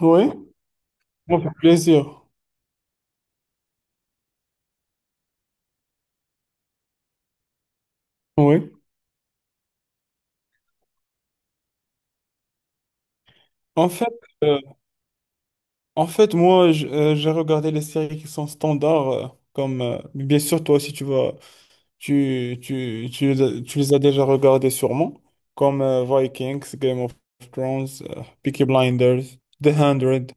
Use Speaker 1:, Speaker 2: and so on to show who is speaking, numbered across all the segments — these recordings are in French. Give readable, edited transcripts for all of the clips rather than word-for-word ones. Speaker 1: Oui, ça fait plaisir. Oui. En fait, euh, en fait moi, j- J'ai regardé les séries qui sont standards, comme bien sûr, toi aussi, tu vas, tu, tu les as déjà regardées sûrement, comme Vikings, Game of Thrones, Peaky Blinders, The Hundred,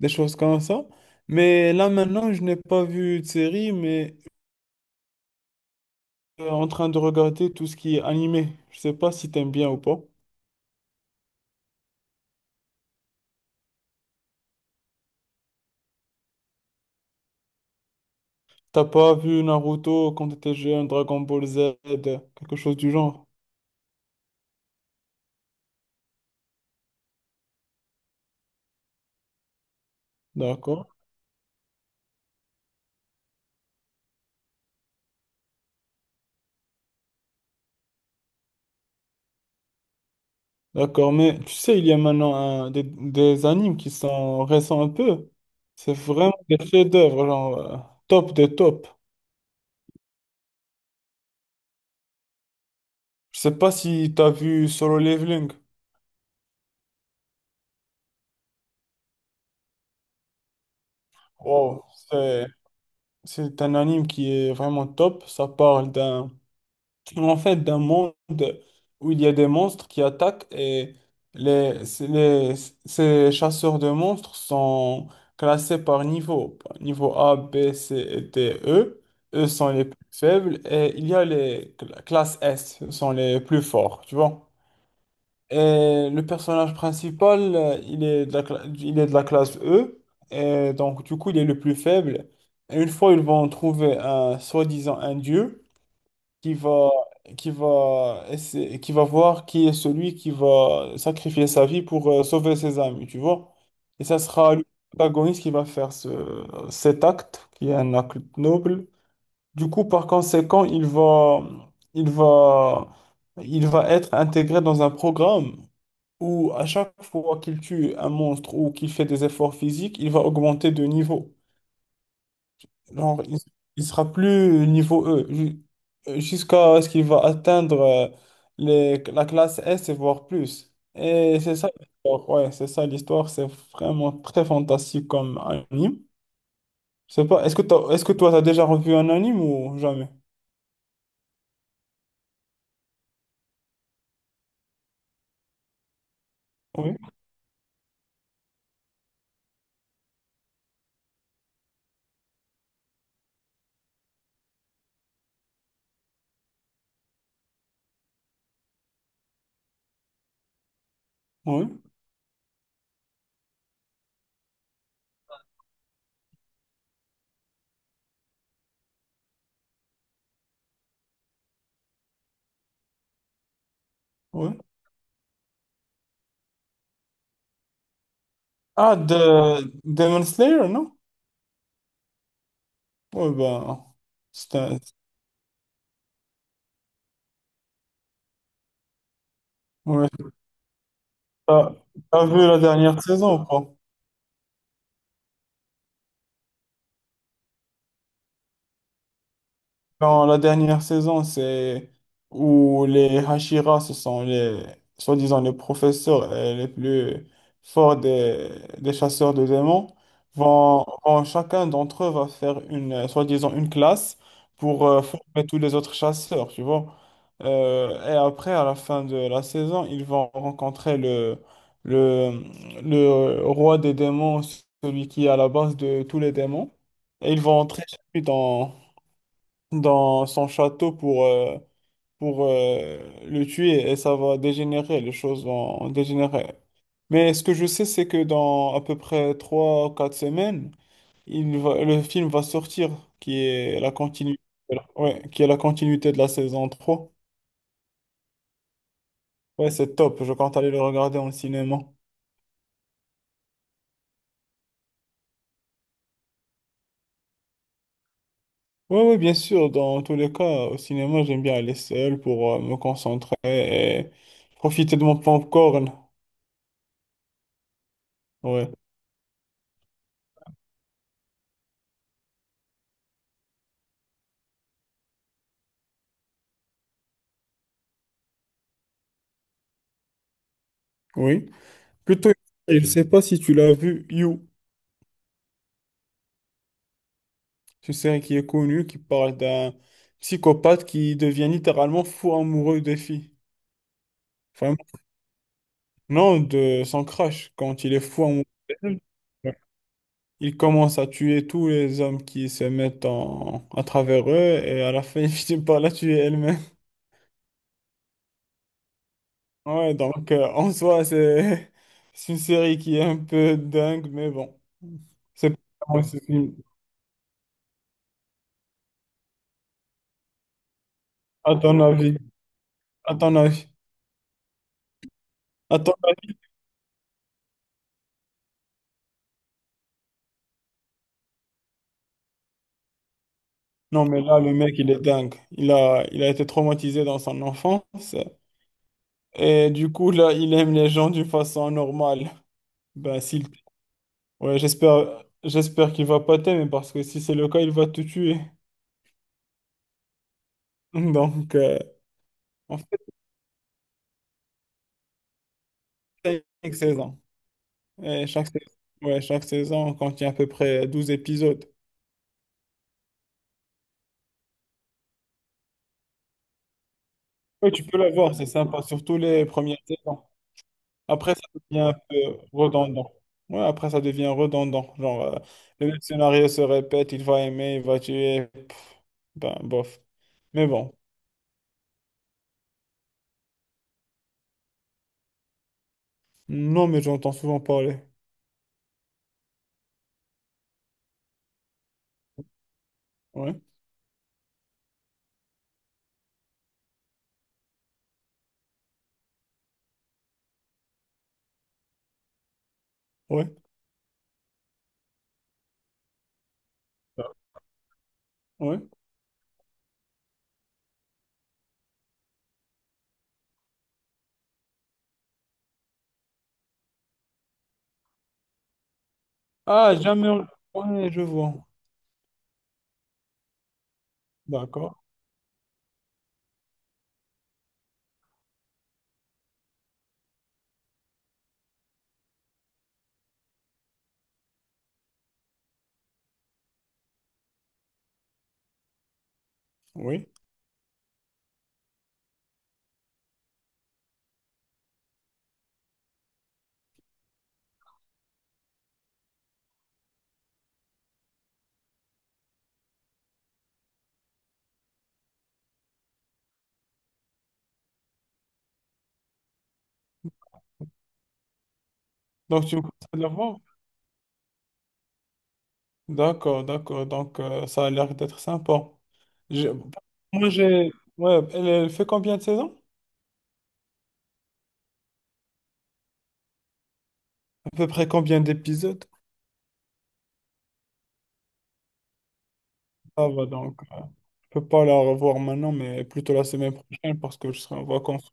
Speaker 1: des choses comme ça. Mais là, maintenant, je n'ai pas vu de série, mais en train de regarder tout ce qui est animé. Je sais pas si t'aimes bien ou pas. T'as pas vu Naruto quand t'étais jeune, Dragon Ball Z, quelque chose du genre? D'accord. D'accord, mais tu sais, il y a maintenant des animes qui sont récents un peu. C'est vraiment des chefs-d'œuvre, genre top des tops. Je sais pas si t'as vu Solo Leveling. Wow, c'est c'est un anime qui est vraiment top. Ça parle d'un En fait, d'un monde où il y a des monstres qui attaquent et les, c'est- les- ces chasseurs de monstres sont classés par niveau. Niveau A, B, C et D, E. Eux sont les plus faibles et il y a les classes S, ce sont les plus forts, tu vois. Et le personnage principal, il est de la classe E et donc du coup, il est le plus faible. Et une fois, ils vont trouver un soi-disant un dieu qui va, qui va voir qui est celui qui va sacrifier sa vie pour sauver ses amis, tu vois. Et ça sera le protagoniste qui va faire cet acte, qui est un acte noble. Du coup, par conséquent, il va, il va être intégré dans un programme où à chaque fois qu'il tue un monstre ou qu'il fait des efforts physiques, il va augmenter de niveau. Genre, il, il sera plus niveau E jusqu'à ce qu'il va atteindre la classe S et voire plus. Et c'est ça l'histoire. Ouais, c'est ça l'histoire. C'est vraiment très fantastique comme anime. Je sais pas, est-ce que toi, tu as déjà revu un anime ou jamais? Oui, oui, oui. Ah, de Demon Slayer, non? Ouais, ben, c'était... Ouais, t'as t'as vu la dernière saison, quoi. Dans la dernière saison, c'est où les Hashira, soi-disant, les professeurs et les plus forts des chasseurs de démons, chacun d'entre eux va faire une, soi-disant, une classe pour former tous les autres chasseurs, tu vois. Et après, à la fin de la saison, ils vont rencontrer le, le roi des démons, celui qui est à la base de tous les démons, et ils vont entrer chez lui dans son château pour le tuer et ça va dégénérer, les choses vont dégénérer. Mais ce que je sais, c'est que dans à peu près 3 ou 4 semaines, le film va sortir, qui est la continuité, ouais, qui est la continuité de la saison 3. Ouais, c'est top, je compte aller le regarder en cinéma. Ouais, ouais, bien sûr, dans tous les cas, au cinéma, j'aime bien aller seul pour me concentrer et profiter de mon popcorn. Ouais. Oui. Plutôt, je ne sais pas si tu l'as vu, You, une série qui est connue, qui parle d'un psychopathe qui devient littéralement fou amoureux des filles. Vraiment. Non, de son crush, quand il est fou amoureux. Il commence à tuer tous les hommes qui se mettent en... à travers eux et à la fin, il finit par la tuer elle-même. Ouais, donc en soi, c'est c'est une série qui est un peu dingue, mais bon. C'est pas vraiment ce film. À ton avis. À ton avis. À ton avis. Non, mais là, le mec, il est dingue. Il a été traumatisé dans son enfance. Et du coup, là, il aime les gens d'une façon normale. Ben, s'il... Ouais, j'espère qu'il va pas t'aimer parce que si c'est le cas, il va te tuer. Donc, en fait, c'est une saison. Et chaque saison, ouais, chaque saison contient à peu près 12 épisodes. Ouais, tu peux la voir, c'est sympa, surtout les premières saisons. Après, ça devient un peu redondant. Ouais, après, ça devient redondant. Genre, le même scénario se répète, il va aimer, il va tuer. Pff, ben, bof. Mais bon. Non, mais j'entends souvent parler. Ouais, ouais, ouais. Ah, jamais. Ouais, je vois. D'accord, oui. Donc, tu me conseilles de la voir? D'accord, d'accord. Donc, ça a l'air d'être sympa. Je- Moi, j'ai... Ouais, elle fait combien de saisons? À peu près combien d'épisodes? Ça va donc. Je peux pas la revoir maintenant, mais plutôt la semaine prochaine parce que je serai en vacances.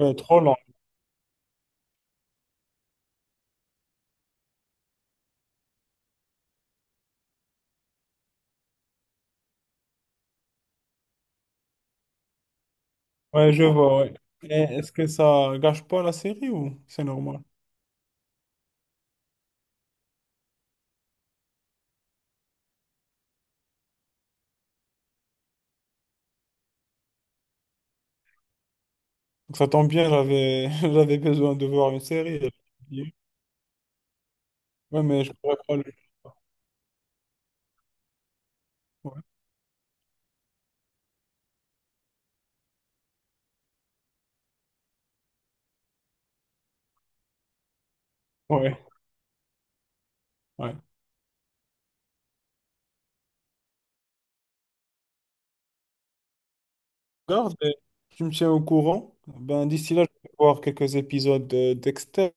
Speaker 1: Trop long. Ouais, je vois, ouais. Et est-ce que ça gâche pas la série ou c'est normal? Donc ça tombe bien, j'avais j'avais besoin de voir une série. Ouais, mais je pourrais pas le. Ouais, ouais. Ouais. Regarde, et tu me tiens au courant. Ben, d'ici là, je vais voir quelques épisodes de Dexter.